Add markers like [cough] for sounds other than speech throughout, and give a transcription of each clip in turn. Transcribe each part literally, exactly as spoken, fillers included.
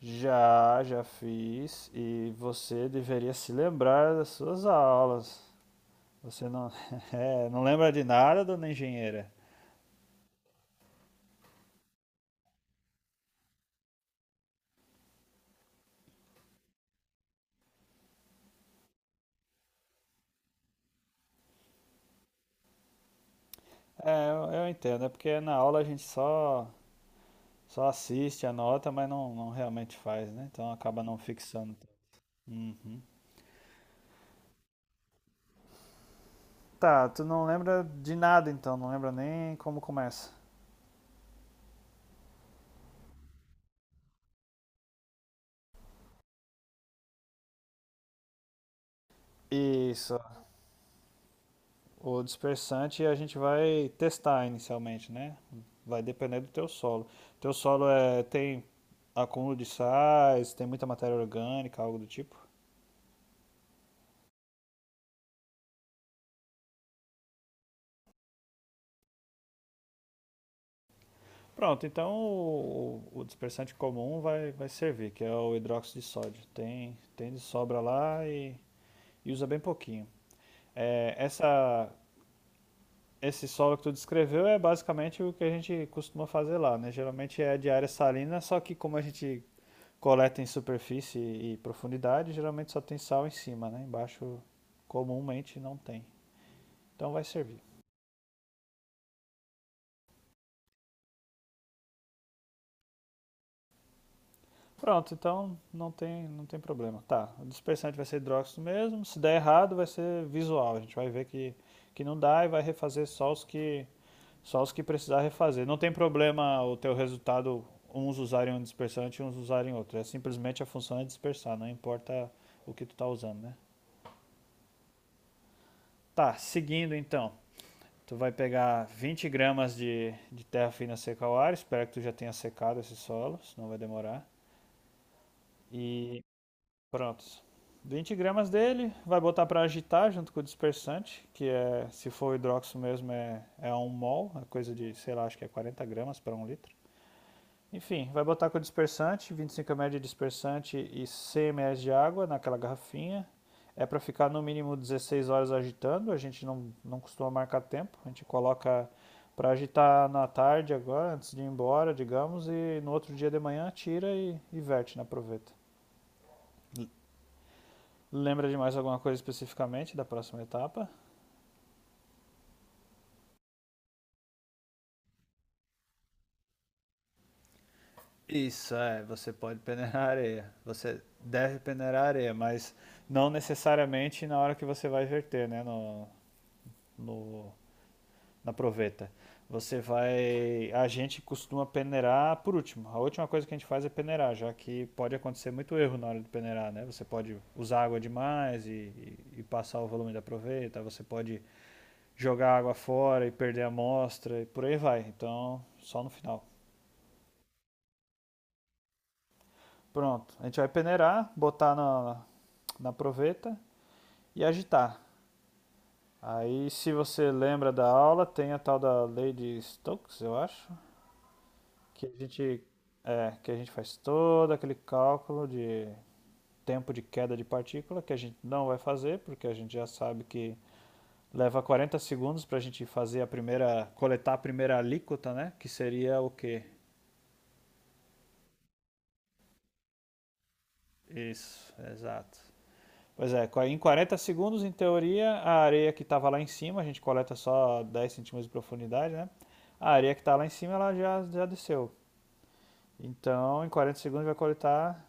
Já, já fiz e você deveria se lembrar das suas aulas. Você não, [laughs] é, não lembra de nada, dona engenheira? É, eu, eu entendo, é porque na aula a gente só, só assiste, anota, mas não, não realmente faz, né? Então acaba não fixando. Uhum. Tá, tu não lembra de nada então, não lembra nem como começa. Isso. O dispersante a gente vai testar inicialmente, né? Vai depender do teu solo. Teu solo é, tem acúmulo de sais, tem muita matéria orgânica, algo do tipo. Pronto, então o, o dispersante comum vai, vai servir, que é o hidróxido de sódio. Tem, tem de sobra lá e, e usa bem pouquinho. É, essa, esse solo que tu descreveu é basicamente o que a gente costuma fazer lá, né? Geralmente é de área salina, só que como a gente coleta em superfície e profundidade, geralmente só tem sal em cima, né? Embaixo comumente não tem. Então vai servir. Pronto, então não tem, não tem problema. Tá, o dispersante vai ser hidróxido mesmo. Se der errado, vai ser visual. A gente vai ver que, que não dá e vai refazer só os que só os que precisar refazer. Não tem problema o teu resultado uns usarem um dispersante e uns usarem outro. É simplesmente a função é dispersar, não importa o que tu tá usando, né? Tá, seguindo então. Tu vai pegar vinte gramas de, de terra fina seca ao ar, espero que tu já tenha secado esse solo, senão vai demorar. E pronto. vinte gramas dele, vai botar para agitar junto com o dispersante, que é, se for o hidróxido mesmo, é, é um mol, é coisa de, sei lá, acho que é quarenta gramas para um litro. Enfim, vai botar com o dispersante, vinte e cinco ml de dispersante e cem mililitros de água naquela garrafinha. É para ficar no mínimo dezesseis horas agitando, a gente não, não costuma marcar tempo, a gente coloca para agitar na tarde agora, antes de ir embora, digamos, e no outro dia de manhã tira e, e verte na proveta. Lembra de mais alguma coisa especificamente da próxima etapa? Isso, é, você pode peneirar areia. Você deve peneirar areia, mas não necessariamente na hora que você vai verter, né? No, no na proveta. Você vai. A gente costuma peneirar por último. A última coisa que a gente faz é peneirar, já que pode acontecer muito erro na hora de peneirar, né? Você pode usar água demais e, e- e passar o volume da proveta, você pode jogar água fora e perder a amostra e por aí vai. Então, só no final. Pronto. A gente vai peneirar, botar na, na proveta e agitar. Aí, se você lembra da aula, tem a tal da lei de Stokes, eu acho, que a gente, é, que a gente faz todo aquele cálculo de tempo de queda de partícula, que a gente não vai fazer, porque a gente já sabe que leva quarenta segundos para a gente fazer a primeira, coletar a primeira alíquota, né? Que seria o quê? Isso, exato. Pois é, em quarenta segundos, em teoria, a areia que estava lá em cima, a gente coleta só dez centímetros de profundidade, né? A areia que está lá em cima, ela já, já desceu. Então, em quarenta segundos, vai coletar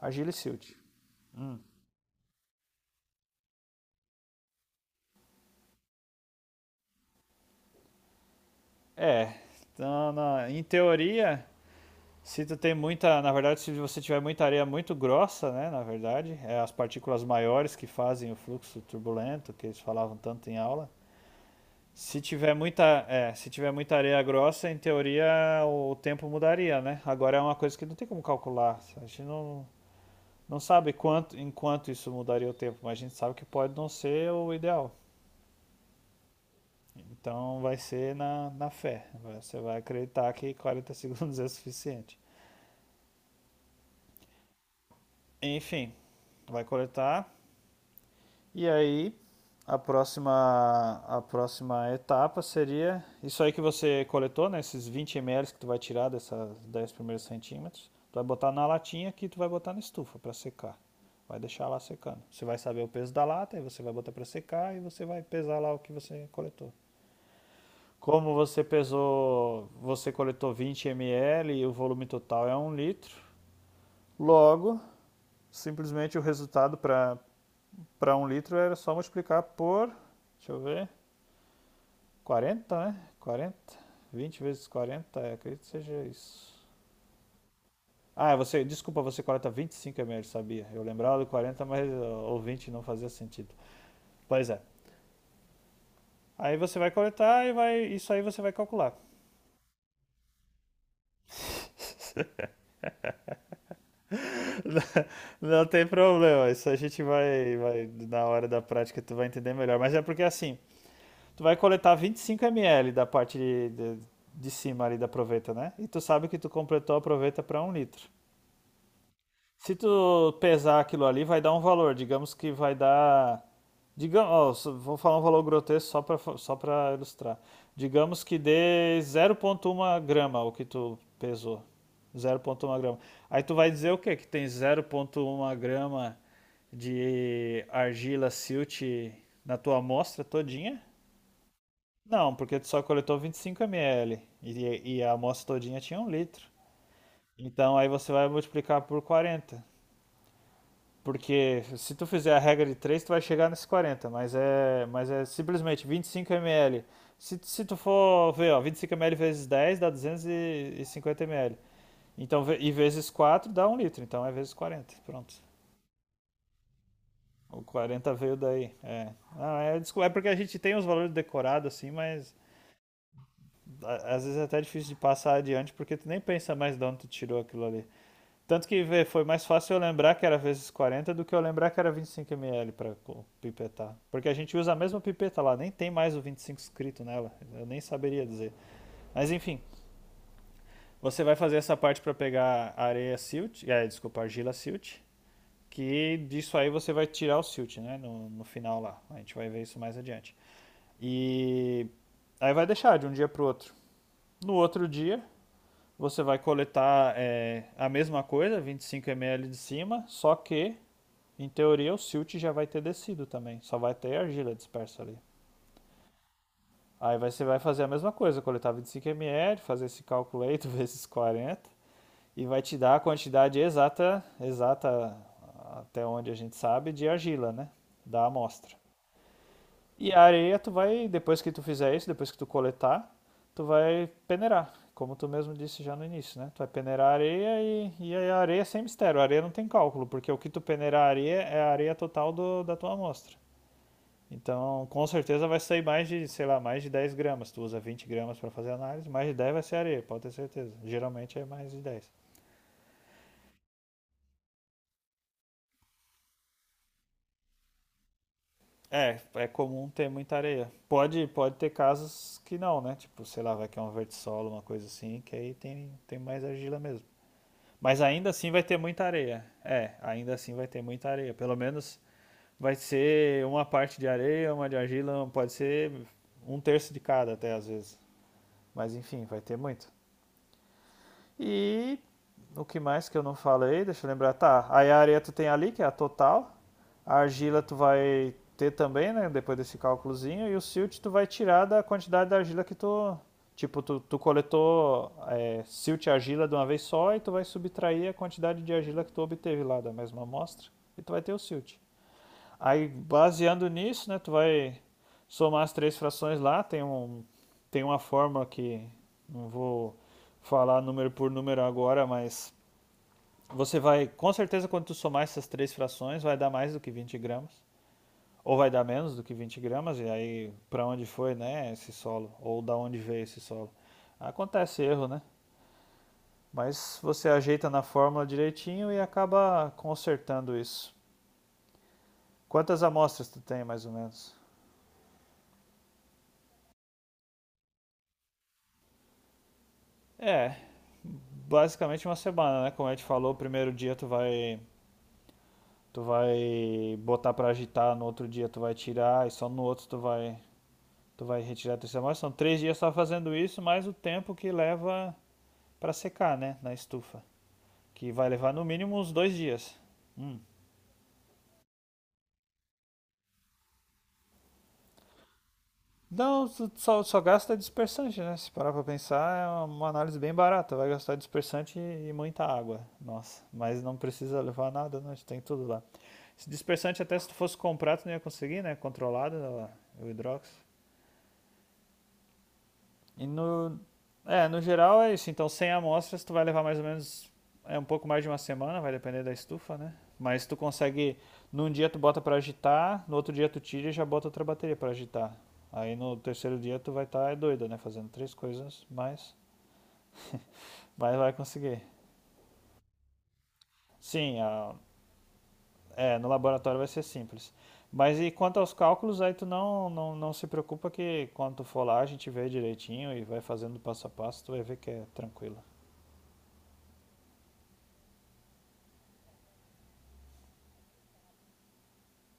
argila e silt. Hum. É, então, na- em teoria, se tu tem muita, na verdade, se você tiver muita areia muito grossa, né, na verdade, é as partículas maiores que fazem o fluxo turbulento, que eles falavam tanto em aula. Se tiver muita, é, se tiver muita areia grossa, em teoria o tempo mudaria, né? Agora é uma coisa que não tem como calcular. A gente não, não sabe quanto, em quanto isso mudaria o tempo, mas a gente sabe que pode não ser o ideal. Então vai ser na, na fé. Você vai acreditar que quarenta [laughs] segundos é suficiente. Enfim, vai coletar. E aí, a próxima, a próxima etapa seria isso aí que você coletou, né? Esses vinte ml que tu vai tirar dessas dez primeiros centímetros. Tu vai botar na latinha que tu vai botar na estufa para secar. Vai deixar lá secando. Você vai saber o peso da lata, aí você vai botar para secar e você vai pesar lá o que você coletou. Como você pesou, você coletou vinte ml e o volume total é um litro, logo, simplesmente o resultado para, para um litro era só multiplicar por, deixa eu ver, quarenta, né? Quarenta, vinte vezes quarenta, é, acredito que seja isso. Ah, é você, desculpa, você corta vinte e cinco ml, sabia? Eu lembrava do quarenta, mas ó, o vinte não fazia sentido. Pois é. Aí você vai coletar e vai, isso aí você vai calcular. [laughs] Não tem problema, isso a gente vai, vai na hora da prática tu vai entender melhor. Mas é porque assim, tu vai coletar vinte e cinco ml da parte de, de, de cima ali da proveta, né? E tu sabe que tu completou a proveta para um litro. Se tu pesar aquilo ali, vai dar um valor. Digamos que vai dar. Digamos, ó, só- vou falar um valor grotesco só para só para ilustrar. Digamos que dê zero vírgula um grama o que tu pesou. zero vírgula um grama. Aí tu vai dizer o quê? Que tem zero vírgula um grama de argila silt na tua amostra todinha? Não, porque tu só coletou vinte e cinco ml e, e a amostra todinha tinha um litro. Então aí você vai multiplicar por quarenta. Porque se tu fizer a regra de três tu vai chegar nesse quarenta, mas é, mas é simplesmente vinte e cinco ml. Se, se tu for ver, ó, vinte e cinco ml vezes dez dá duzentos e cinquenta ml. Então, e vezes quatro dá um litro, então é vezes quarenta pronto. O quarenta veio daí, é. Não, é, é porque a gente tem os valores decorados assim, mas às vezes é até difícil de passar adiante porque tu nem pensa mais de onde tu tirou aquilo ali. Tanto que vê, foi mais fácil eu lembrar que era vezes quarenta do que eu lembrar que era vinte e cinco ml para pipetar. Porque a gente usa a mesma pipeta lá, nem tem mais o vinte e cinco escrito nela. Eu nem saberia dizer. Mas enfim, você vai fazer essa parte para pegar areia silt, é, desculpa, argila silt, que disso aí você vai tirar o silt, né, no, no final lá. A gente vai ver isso mais adiante. E aí vai deixar de um dia para o outro. No outro dia, você vai coletar é, a mesma coisa, vinte e cinco ml de cima, só que em teoria, o silt já vai ter descido também. Só vai ter argila dispersa ali. Aí você vai fazer a mesma coisa, coletar vinte e cinco M L, fazer esse cálculo aí, tu vezes [laughs] quarenta e vai te dar a quantidade exata, exata até onde a gente sabe, de argila, né? Da amostra. E a areia, tu vai, depois que tu fizer isso, depois que tu coletar, tu vai peneirar, como tu mesmo disse já no início, né? Tu vai peneirar a areia e, e a areia é sem mistério, a areia não tem cálculo, porque o que tu peneirar a areia é a areia total do- da tua amostra. Então, com certeza vai sair mais de, sei lá, mais de dez gramas. Tu usa vinte gramas para fazer análise, mais de dez vai ser areia, pode ter certeza. Geralmente é mais de dez. É, é comum ter muita areia. Pode, pode ter casos que não, né? Tipo, sei lá, vai que é um vertissolo, uma coisa assim, que aí tem, tem mais argila mesmo. Mas ainda assim vai ter muita areia. É, ainda assim vai ter muita areia. Pelo menos vai ser uma parte de areia, uma de argila, pode ser um terço de cada até às vezes. Mas enfim, vai ter muito. E o que mais que eu não falei? Deixa eu lembrar. Tá, aí a areia tu tem ali, que é a total. A argila tu vai ter também, né? Depois desse cálculozinho. E o silt tu vai tirar da quantidade da argila que tu. Tipo, tu, tu coletou é, silt e argila de uma vez só e tu vai subtrair a quantidade de argila que tu obteve lá da mesma amostra. E tu vai ter o silt. Aí, baseando nisso, né, tu vai somar as três frações lá, tem um, tem uma fórmula que não vou falar número por número agora, mas você vai, com certeza, quando tu somar essas três frações, vai dar mais do que vinte gramas, ou vai dar menos do que vinte gramas, e aí para onde foi, né, esse solo, ou da onde veio esse solo. Acontece erro, né? Mas você ajeita na fórmula direitinho e acaba consertando isso. Quantas amostras tu tem, mais ou menos? É, basicamente uma semana, né? Como a gente falou, o primeiro dia tu vai, tu vai botar pra agitar, no outro dia tu vai tirar e só no outro tu vai, tu vai retirar a terceira amostra. São três dias só fazendo isso, mais o tempo que leva pra secar, né? Na estufa, que vai levar no mínimo uns dois dias. Hum. Não, só, só gasta dispersante, né? Se parar pra pensar, é uma, uma análise bem barata. Vai gastar dispersante e, e muita água. Nossa, mas não precisa levar nada, né? A gente tem tudo lá. Esse dispersante, até se tu fosse comprar, tu não ia conseguir, né? Controlado, né, o hidróxido. E no, é, no geral é isso. Então, cem amostras, tu vai levar mais ou menos é um pouco mais de uma semana, vai depender da estufa, né? Mas tu consegue, num dia tu bota para agitar, no outro dia tu tira e já bota outra bateria para agitar. Aí no terceiro dia tu vai estar, tá, é doida, né? Fazendo três coisas, mas vai, vai conseguir. Sim, a, é, no laboratório vai ser simples. Mas e quanto aos cálculos, aí tu não, não, não se preocupa que quando tu for lá a gente vê direitinho e vai fazendo passo a passo, tu vai ver que é tranquilo.